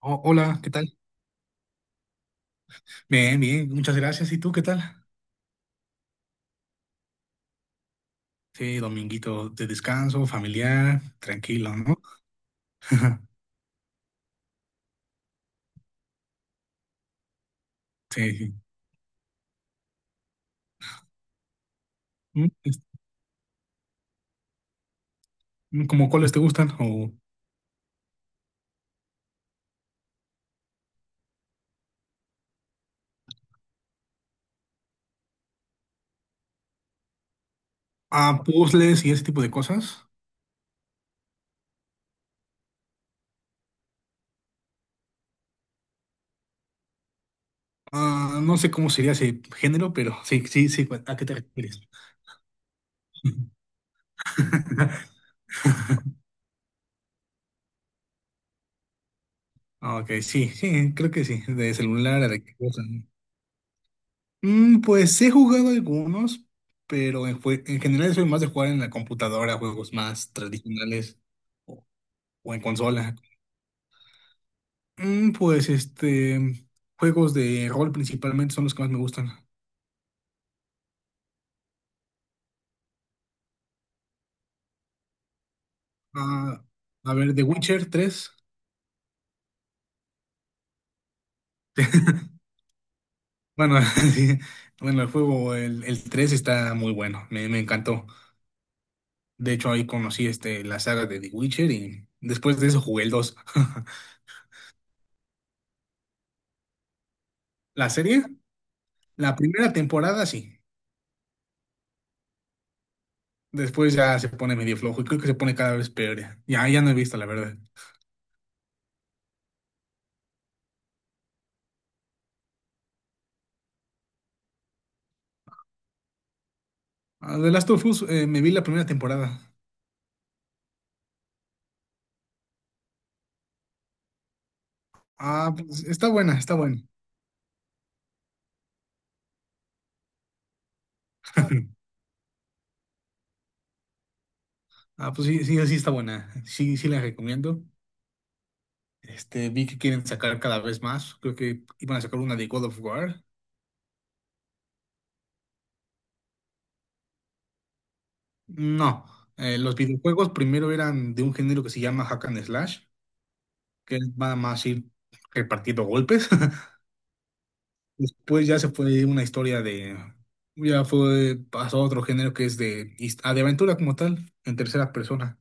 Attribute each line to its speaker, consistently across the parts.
Speaker 1: Oh, hola, ¿qué tal? Bien, bien, muchas gracias. ¿Y tú qué tal? Sí, dominguito de descanso, familiar, tranquilo, ¿no? Sí, sí. Mm, es- ¿Cómo cuáles te gustan? ¿O ah, puzzles y ese tipo de cosas? Ah, no sé cómo sería ese género, pero sí, sí, sí, ¿a qué te refieres? Ok, sí, sí, creo que sí, de celular a de qué cosa, ¿no? Mm, pues he jugado algunos, pero en general soy más de jugar en la computadora, juegos más tradicionales o, o en consola. Pues juegos de rol principalmente son los que más me gustan. Ah, a ver, The Witcher tres. Bueno, sí, bueno, el 3 está muy bueno, me encantó. De hecho, ahí conocí la saga de The Witcher y después de eso jugué el 2. La serie, la primera temporada sí, después ya se pone medio flojo y creo que se pone cada vez peor. Ya no he visto, la verdad. Ah, The Last of Us, me vi la primera temporada. Ah, pues, está buena, está buena. Ah, pues sí, sí, sí está buena. Sí, sí la recomiendo. Vi que quieren sacar cada vez más. Creo que iban a sacar una de God of War. No, los videojuegos primero eran de un género que se llama Hack and Slash, que es nada más ir repartiendo golpes. Después ya se fue una historia de, ya fue, pasó a otro género que es de, de aventura como tal, en tercera persona.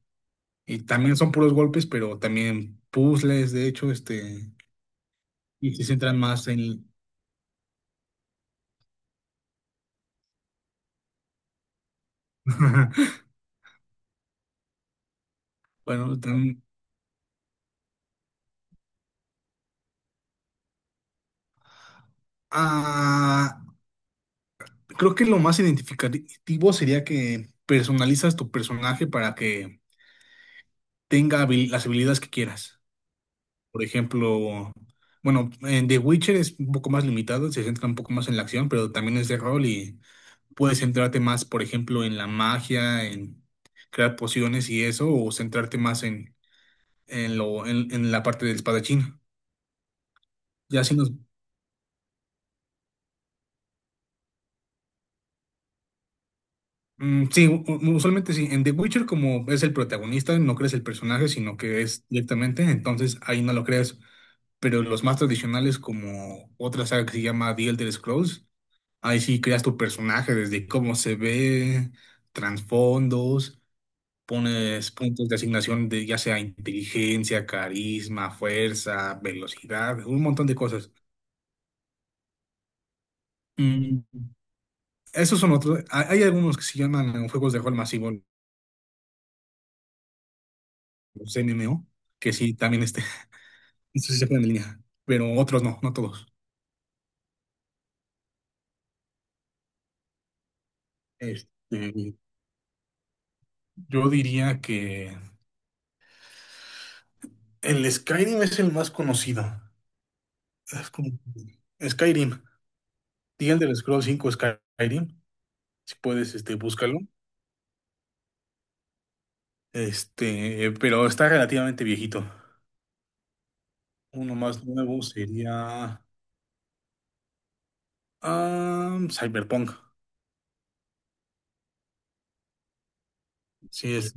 Speaker 1: Y también son puros golpes, pero también puzzles, de hecho, y sí se centran más en... Bueno, tam- Ah, creo que lo más identificativo sería que personalizas tu personaje para que tenga las habilidades que quieras. Por ejemplo, bueno, en The Witcher es un poco más limitado, se centra un poco más en la acción, pero también es de rol y puedes centrarte más, por ejemplo, en la magia, en crear pociones y eso, o centrarte más en, en la parte del espadachín. Ya si nos Mm, sí, usualmente sí. En The Witcher, como es el protagonista, no crees el personaje, sino que es directamente, entonces ahí no lo creas. Pero los más tradicionales, como otra saga que se llama The Elder Scrolls, ahí sí creas tu personaje desde cómo se ve, trasfondos, pones puntos de asignación de ya sea inteligencia, carisma, fuerza, velocidad, un montón de cosas. Mm, esos son otros. Hay algunos que se llaman juegos de rol masivo, los MMO que sí también están. Eso sí se pueden en línea, pero otros no, no todos. Este, yo diría que el Skyrim es el más conocido. Es como Skyrim, The Elder Scrolls 5 Skyrim, si puedes, búscalo. Pero está relativamente viejito. Uno más nuevo sería Cyberpunk. Sí es,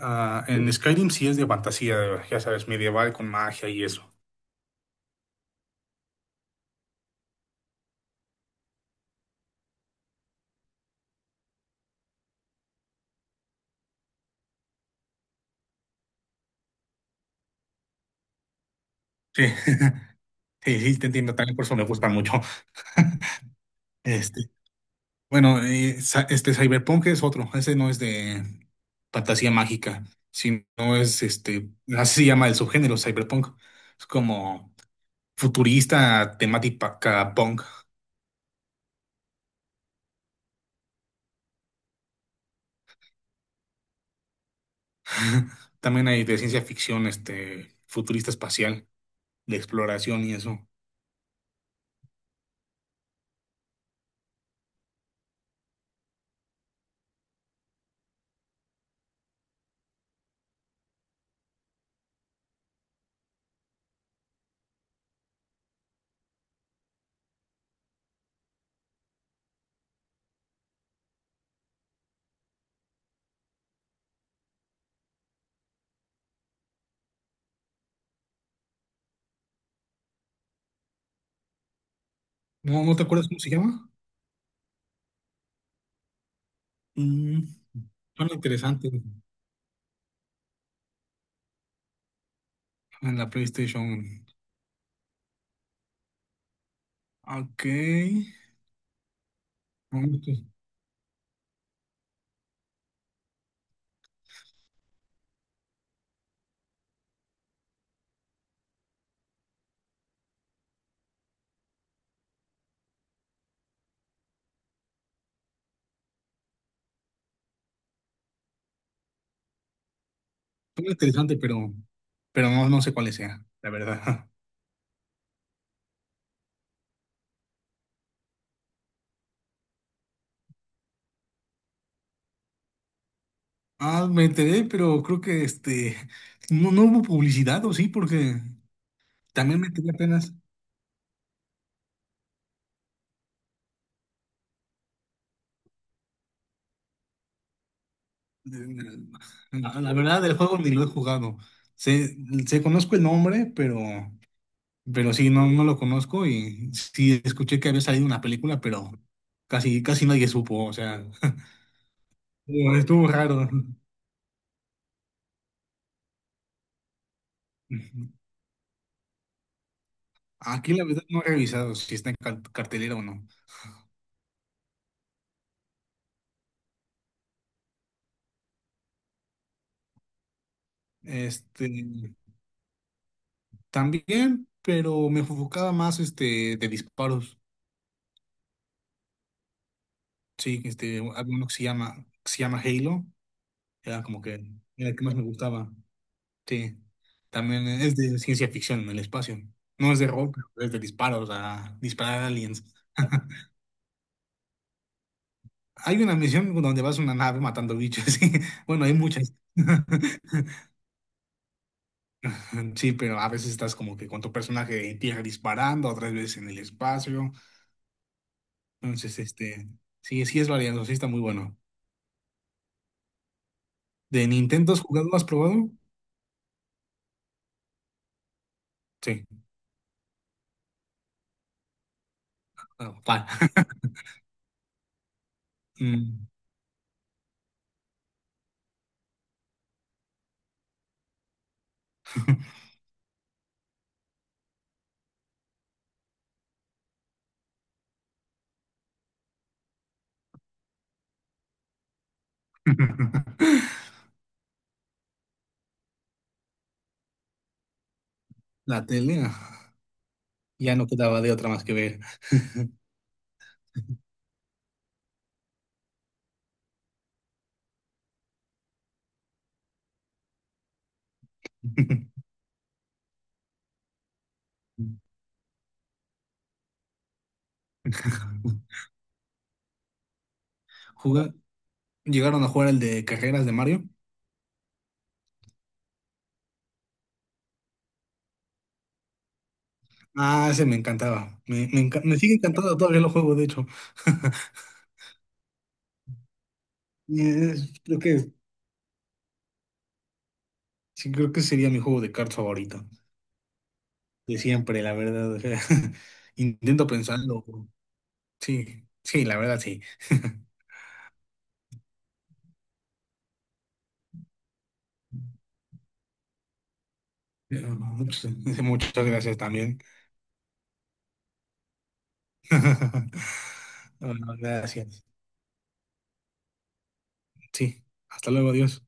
Speaker 1: ah, en Skyrim sí es de fantasía, ya sabes, medieval con magia y eso. Sí, sí, sí, te entiendo, también por eso me gusta mucho. Este, este Cyberpunk es otro, ese no es de fantasía mágica, sino es este, así se llama el subgénero Cyberpunk. Es como futurista, temática punk. También hay de ciencia ficción, futurista espacial, de exploración y eso. ¿No, no te acuerdas cómo se llama? Mm, suena interesante en la PlayStation. Ok. Mm, suena interesante, pero no, no sé cuál sea, la verdad. Ah, me enteré, pero creo que no, no hubo publicidad, ¿o sí? Porque también me enteré apenas. de- La, la verdad, del juego ni lo he jugado. Sé, conozco el nombre, pero sí, no, no lo conozco. Y sí escuché que había salido una película, pero casi, casi nadie supo. O sea, estuvo raro. Aquí la verdad no he revisado si está en cartelera o no. Este, también, pero me enfocaba más de disparos. Sí, había uno que se llama Halo, era como que era el que más me gustaba. Sí, también es de ciencia ficción en el espacio. No es de rol, pero es de disparos, a disparar a aliens. Hay una misión donde vas a una nave matando bichos. Sí. Bueno, hay muchas. Sí, pero a veces estás como que con tu personaje en tierra disparando, otras veces en el espacio. Entonces, sí, sí es variado, sí está muy bueno. ¿De Nintendo has jugado? ¿Has probado? Sí. Ah, pa. Mm. La tele ah, ya no quedaba de otra más que ver. Juga- ¿Llegaron a jugar el de carreras de Mario? Ah, ese me encantaba. Me sigue encantando, todavía lo juego, de hecho. Y Es- creo que, sí, creo que sería mi juego de cartas favorito. De siempre, la verdad. O sea, intento pensarlo. Sí, sí, la verdad, sí. Pero muchas gracias también. Bueno, gracias. Sí, hasta luego, adiós.